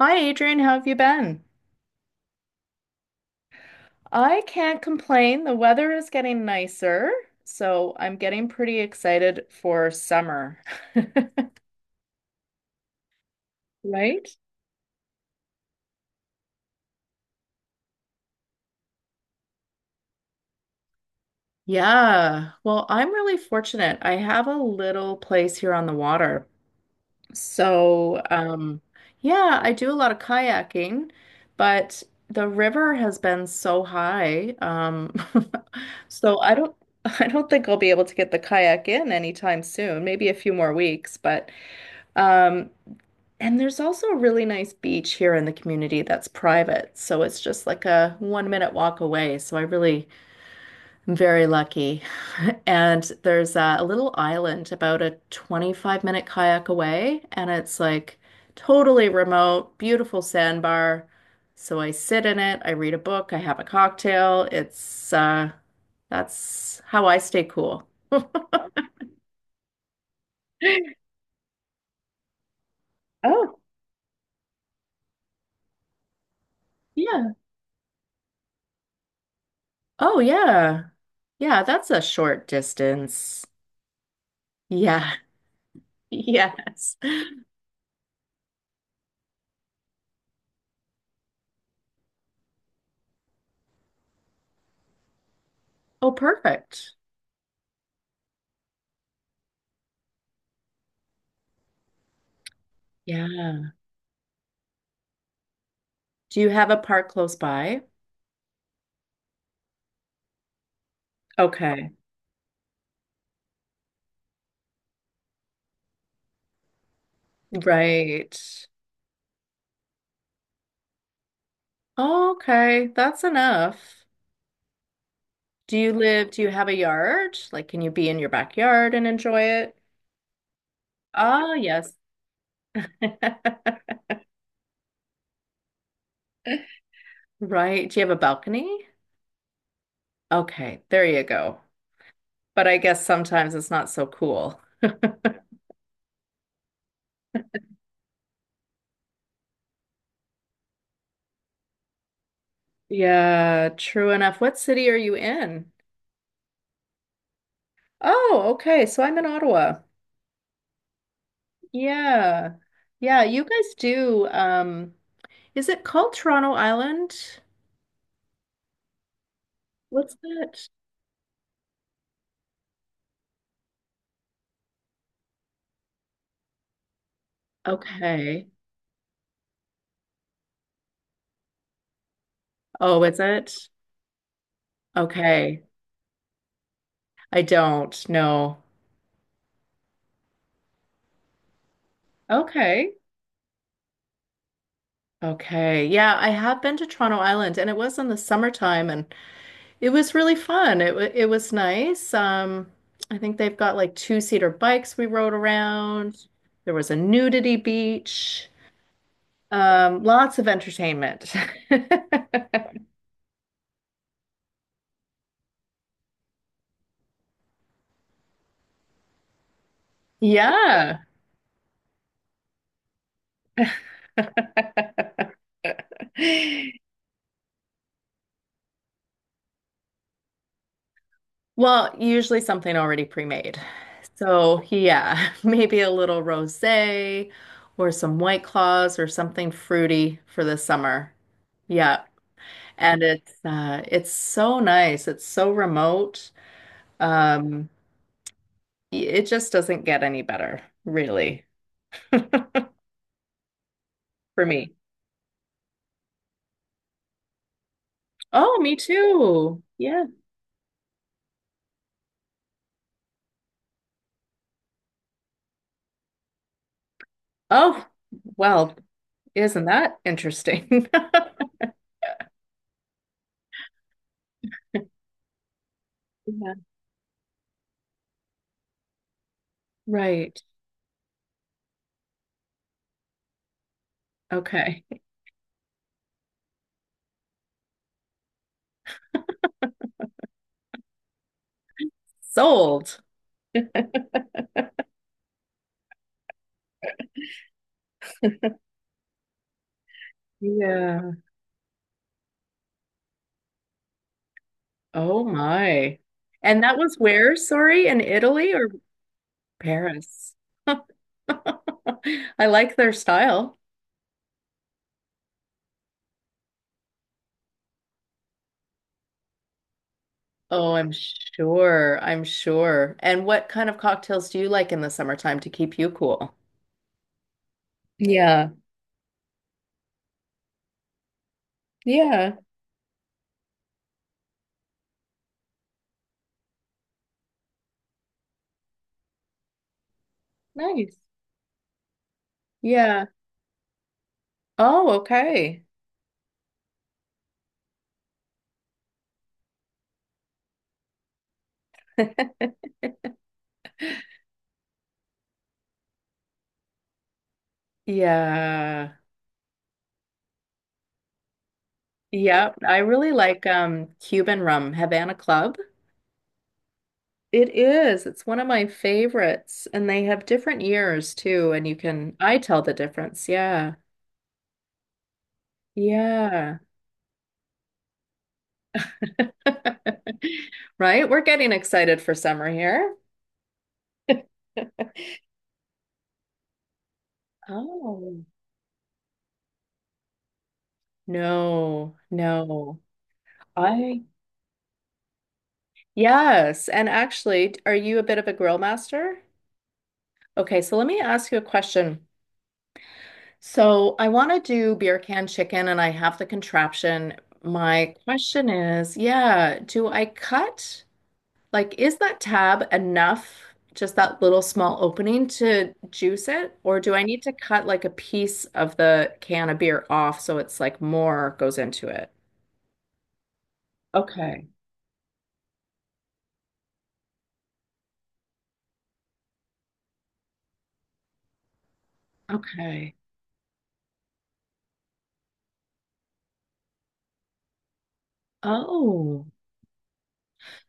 Hi, Adrian. How have you been? I can't complain. The weather is getting nicer, so I'm getting pretty excited for summer. Right? Yeah. Well, I'm really fortunate. I have a little place here on the water. So, yeah, I do a lot of kayaking, but the river has been so high. So I don't think I'll be able to get the kayak in anytime soon, maybe a few more weeks, but um And there's also a really nice beach here in the community that's private. So it's just like a 1 minute walk away. So I really am very lucky. And there's a little island about a 25-minute kayak away. And it's like totally remote, beautiful sandbar. So I sit in it, I read a book, I have a cocktail. It's that's how I stay cool. Oh. Yeah. Oh, yeah. Yeah, that's a short distance. Yeah. Yes. Oh, perfect. Yeah. Do you have a park close by? Okay. Right. Oh, okay. That's enough. Do you have a yard? Like, can you be in your backyard and enjoy it? Ah, yes. Right. Do you have a balcony? Okay. There you go. But I guess sometimes it's not so cool. Yeah, true enough. What city are you in? Oh, okay. So I'm in Ottawa. Yeah. Yeah, you guys do. Is it called Toronto Island? What's that? Okay. Oh, is it? Okay. I don't know. Okay. Okay. Yeah, I have been to Toronto Island, and it was in the summertime, and it was really fun. It was nice. I think they've got like two-seater bikes we rode around. There was a nudity beach. Lots of entertainment. Yeah. Well, usually something already pre-made. So, yeah, maybe a little rosé or some White Claws or something fruity for the summer. Yeah. And it's so nice. It's so remote. Um it just doesn't get any better, really, for me. Oh, me too. Yeah. Oh, well, isn't that interesting? Yeah. Right. Okay. Sold. Yeah. Oh my. And that was where, sorry, in Italy or Paris? I like their style. Oh, I'm sure. I'm sure. And what kind of cocktails do you like in the summertime to keep you cool? Yeah. Yeah. Nice. Yeah. Oh, okay. Yeah. Yeah. I really like Cuban rum, Havana Club. It is. It's one of my favorites. And they have different years too. And you can, I tell the difference. Yeah. Yeah. Right? We're getting excited for summer here. Oh, no, no. I, yes. And actually, are you a bit of a grill master? Okay, so let me ask you a question. So I want to do beer can chicken, and I have the contraption. My question is, yeah, do I cut? Like, is that tab enough, just that little small opening to juice it? Or do I need to cut like a piece of the can of beer off so it's like more goes into it? Okay. Okay. Oh.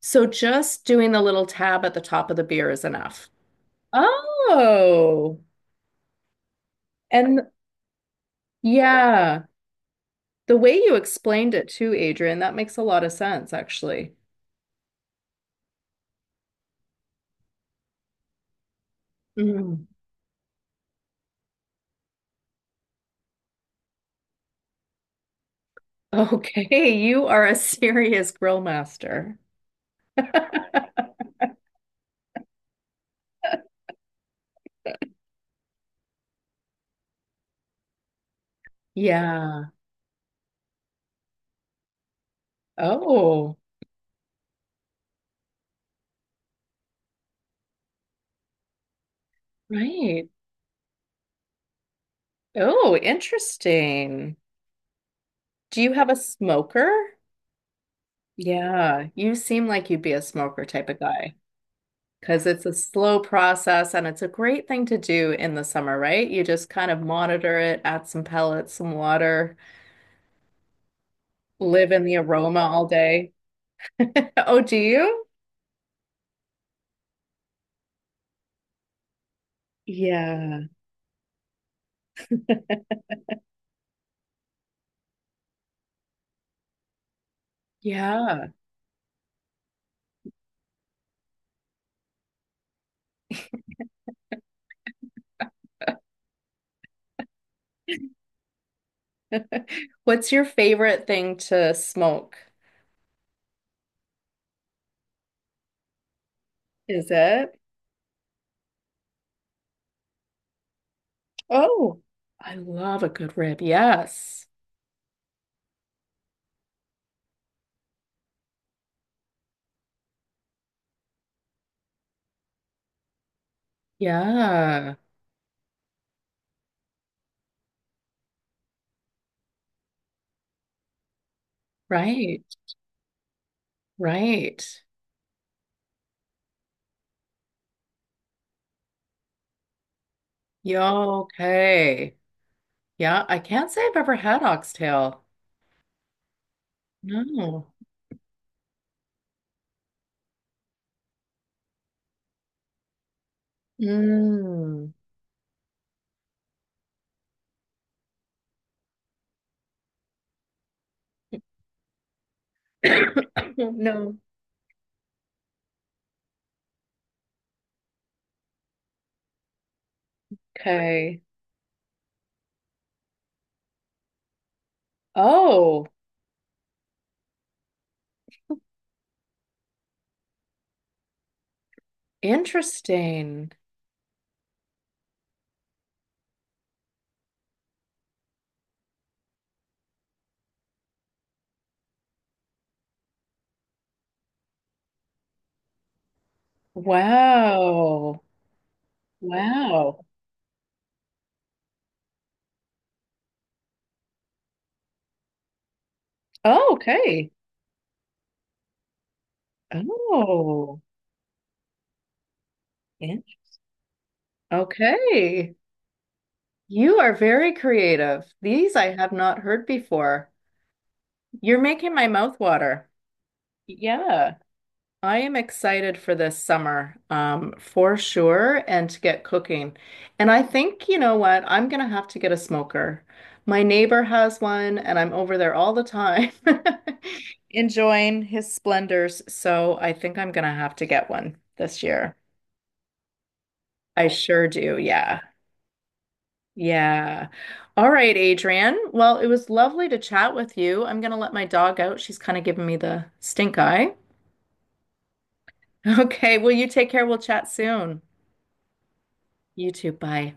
So just doing the little tab at the top of the beer is enough. Oh. And yeah, the way you explained it too, Adrian, that makes a lot of sense, actually. Mm. Okay, you are a serious grill master. Yeah. Oh, right. Oh, interesting. Do you have a smoker? Yeah, you seem like you'd be a smoker type of guy because it's a slow process and it's a great thing to do in the summer, right? You just kind of monitor it, add some pellets, some water, live in the aroma all day. Oh, do you? Yeah. Yeah. What's your favorite thing to smoke? Is it? Oh, I love a good rib. Yes. Yeah, right, right. Yeah, okay. Yeah, I can't say I've ever had oxtail. No. Mm. No. Okay. Oh, interesting. Wow. Wow. Oh, okay. Oh, in- okay. You are very creative. These I have not heard before. You're making my mouth water. Yeah. I am excited for this summer, for sure, and to get cooking. And I think, you know what, I'm gonna have to get a smoker. My neighbor has one, and I'm over there all the time, enjoying his splendors. So I think I'm gonna have to get one this year. I sure do. Yeah. Yeah. All right, Adrian. Well, it was lovely to chat with you. I'm gonna let my dog out. She's kind of giving me the stink eye. Okay. Well, you take care. We'll chat soon. You too. Bye.